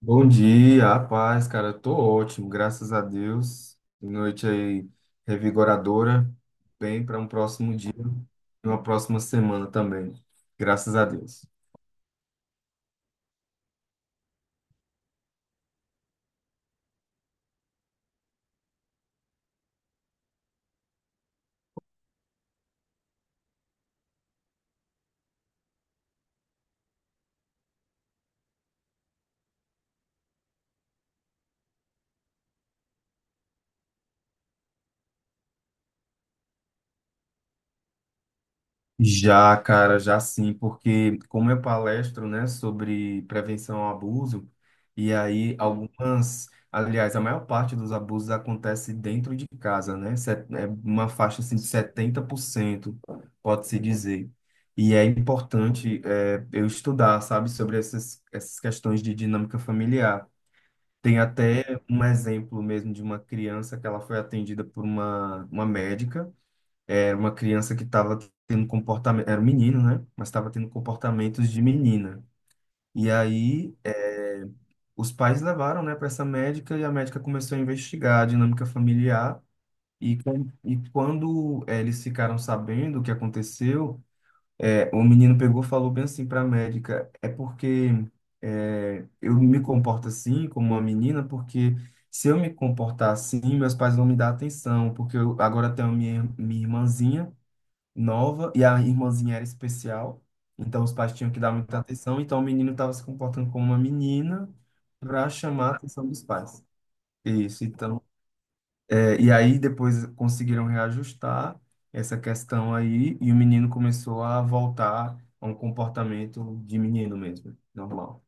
Bom dia, a paz, cara. Eu tô ótimo, graças a Deus. Noite aí revigoradora, bem para um próximo dia, e uma próxima semana também. Graças a Deus. Já, cara, já sim, porque como eu palestro, né, sobre prevenção ao abuso, e aí algumas, aliás, a maior parte dos abusos acontece dentro de casa, né? É uma faixa assim de 70%, pode-se dizer. E é importante eu estudar, sabe, sobre essas questões de dinâmica familiar. Tem até um exemplo mesmo de uma criança que ela foi atendida por uma médica, era uma criança que estava tendo comportamento, era um menino, né? Mas estava tendo comportamentos de menina. E aí, os pais levaram, né, para essa médica e a médica começou a investigar a dinâmica familiar. E, quando eles ficaram sabendo o que aconteceu, o menino pegou e falou bem assim para a médica: é porque eu me comporto assim, como uma menina, porque. Se eu me comportar assim, meus pais vão me dar atenção, porque eu agora tenho minha irmãzinha nova e a irmãzinha era especial, então os pais tinham que dar muita atenção, então o menino estava se comportando como uma menina para chamar a atenção dos pais. Isso, então. E aí depois conseguiram reajustar essa questão aí e o menino começou a voltar a um comportamento de menino mesmo, normal.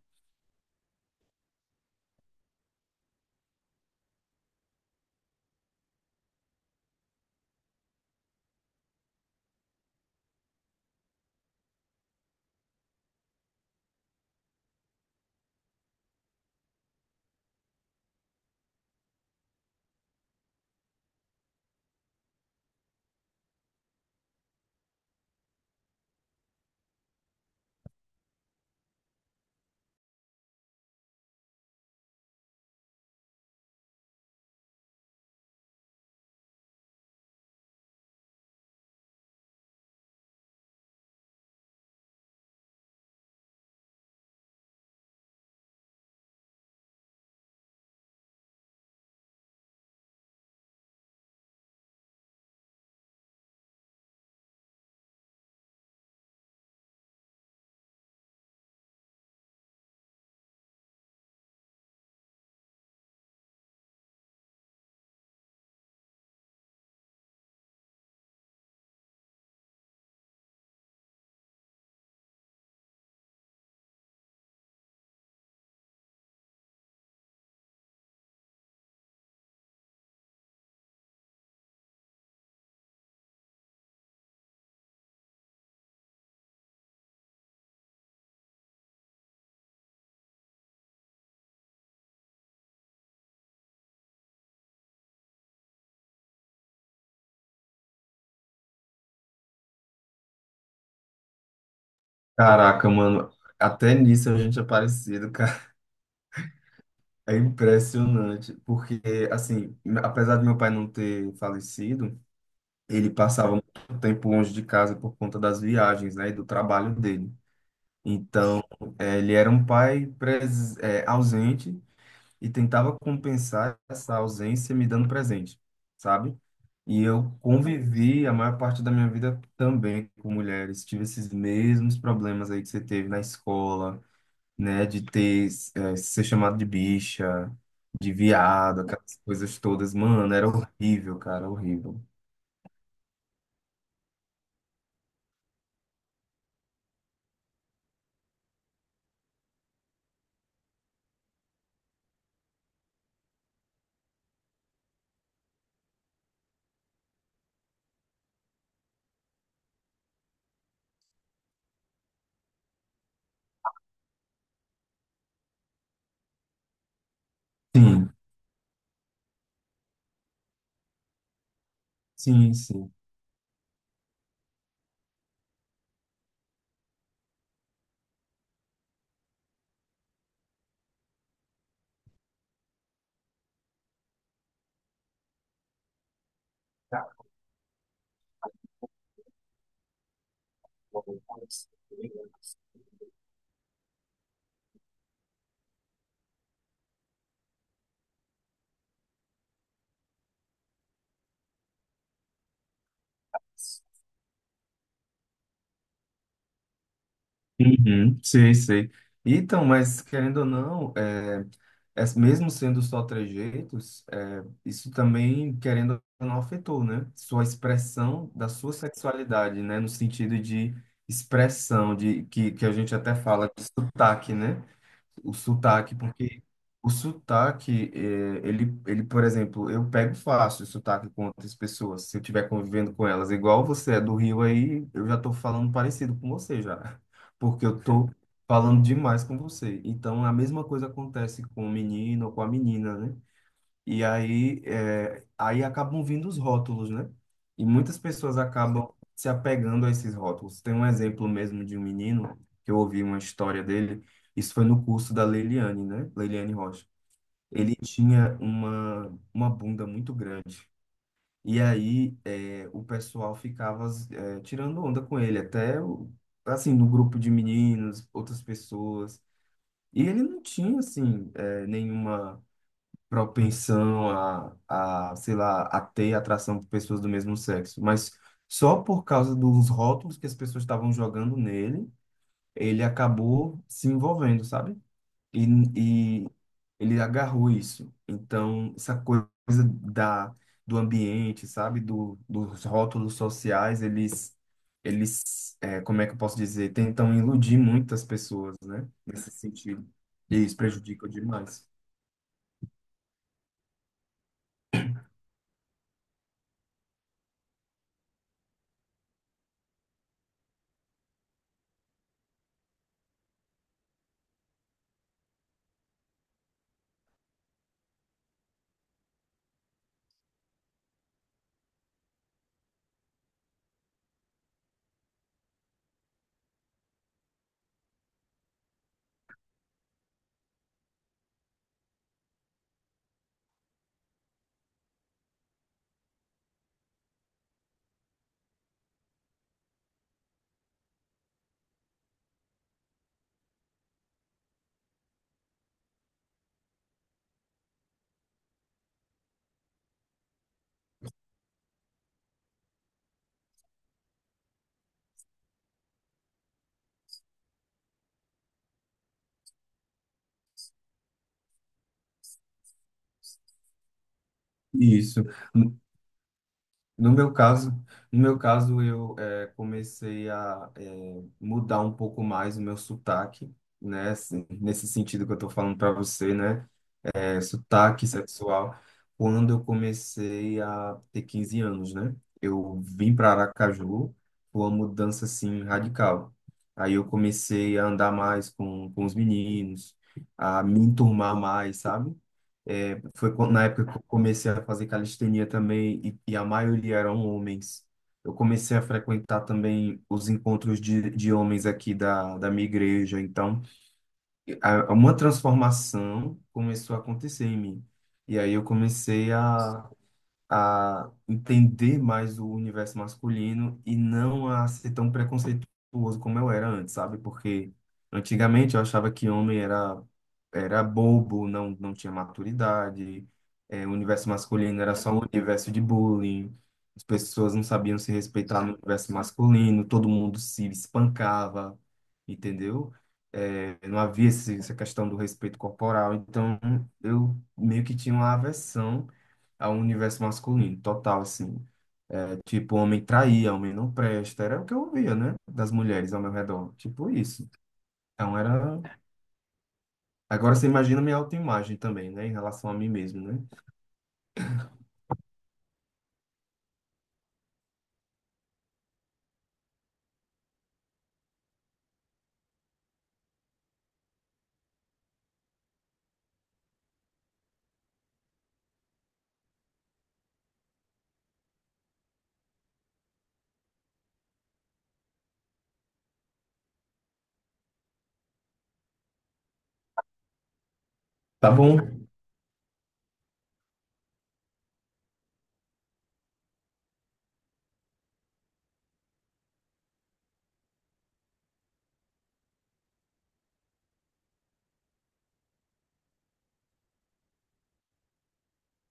Caraca, mano, até nisso a gente é parecido, cara. É impressionante, porque assim, apesar de meu pai não ter falecido, ele passava muito tempo longe de casa por conta das viagens, né, e do trabalho dele. Então, ele era um pai ausente, e tentava compensar essa ausência me dando presente, sabe? E eu convivi a maior parte da minha vida também com mulheres. Tive esses mesmos problemas aí que você teve na escola, né, de ter, ser chamado de bicha, de viado, aquelas coisas todas. Mano, era horrível, cara, horrível. Sim, sim, sim. Bom, uhum, sei, sei. Então, mas querendo ou não, mesmo sendo só trejeitos, isso também, querendo ou não, afetou, né? Sua expressão da sua sexualidade, né? No sentido de expressão, de que a gente até fala de sotaque, né? O sotaque, porque o sotaque, ele, por exemplo, eu pego fácil o sotaque com outras pessoas, se eu estiver convivendo com elas. Igual você é do Rio aí, eu já estou falando parecido com você já, porque eu tô falando demais com você. Então, a mesma coisa acontece com o menino ou com a menina, né? E aí, aí acabam vindo os rótulos, né? E muitas pessoas acabam se apegando a esses rótulos. Tem um exemplo mesmo de um menino, que eu ouvi uma história dele, isso foi no curso da Leiliane, né? Leiliane Rocha. Ele tinha uma bunda muito grande. E aí o pessoal ficava tirando onda com ele, até assim, no grupo de meninos, outras pessoas. E ele não tinha, assim, nenhuma propensão a, sei lá, a ter atração por pessoas do mesmo sexo. Mas só por causa dos rótulos que as pessoas estavam jogando nele, ele acabou se envolvendo, sabe? E, e ele agarrou isso. Então, essa coisa da, do ambiente, sabe? Dos rótulos sociais, eles como é que eu posso dizer? Tentam iludir muitas pessoas, né? Nesse sentido. E isso prejudica demais. Isso. No no meu caso, no meu caso, eu comecei a mudar um pouco mais o meu sotaque, né? Assim, nesse sentido que eu tô falando para você, né? Sotaque sexual, quando eu comecei a ter 15 anos, né? Eu vim para Aracaju, foi uma mudança assim radical. Aí eu comecei a andar mais com os meninos, a me enturmar mais, sabe? Na época que eu comecei a fazer calistenia também, e, a maioria eram homens. Eu comecei a frequentar também os encontros de homens aqui da minha igreja, então uma transformação começou a acontecer em mim. E aí eu comecei a entender mais o universo masculino e não a ser tão preconceituoso como eu era antes, sabe? Porque antigamente eu achava que homem era bobo, não tinha maturidade, o universo masculino era só um universo de bullying, as pessoas não sabiam se respeitar no universo masculino, todo mundo se espancava, entendeu? Não havia essa questão do respeito corporal, então eu meio que tinha uma aversão ao universo masculino, total, assim. É tipo, homem traía, homem não presta. Era o que eu ouvia, né? Das mulheres ao meu redor. Tipo isso. Então era. Agora você imagina minha autoimagem também, né? Em relação a mim mesmo, né? Tá bom,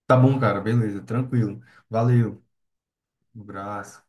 tá bom, cara. Beleza, tranquilo. Valeu. Um abraço.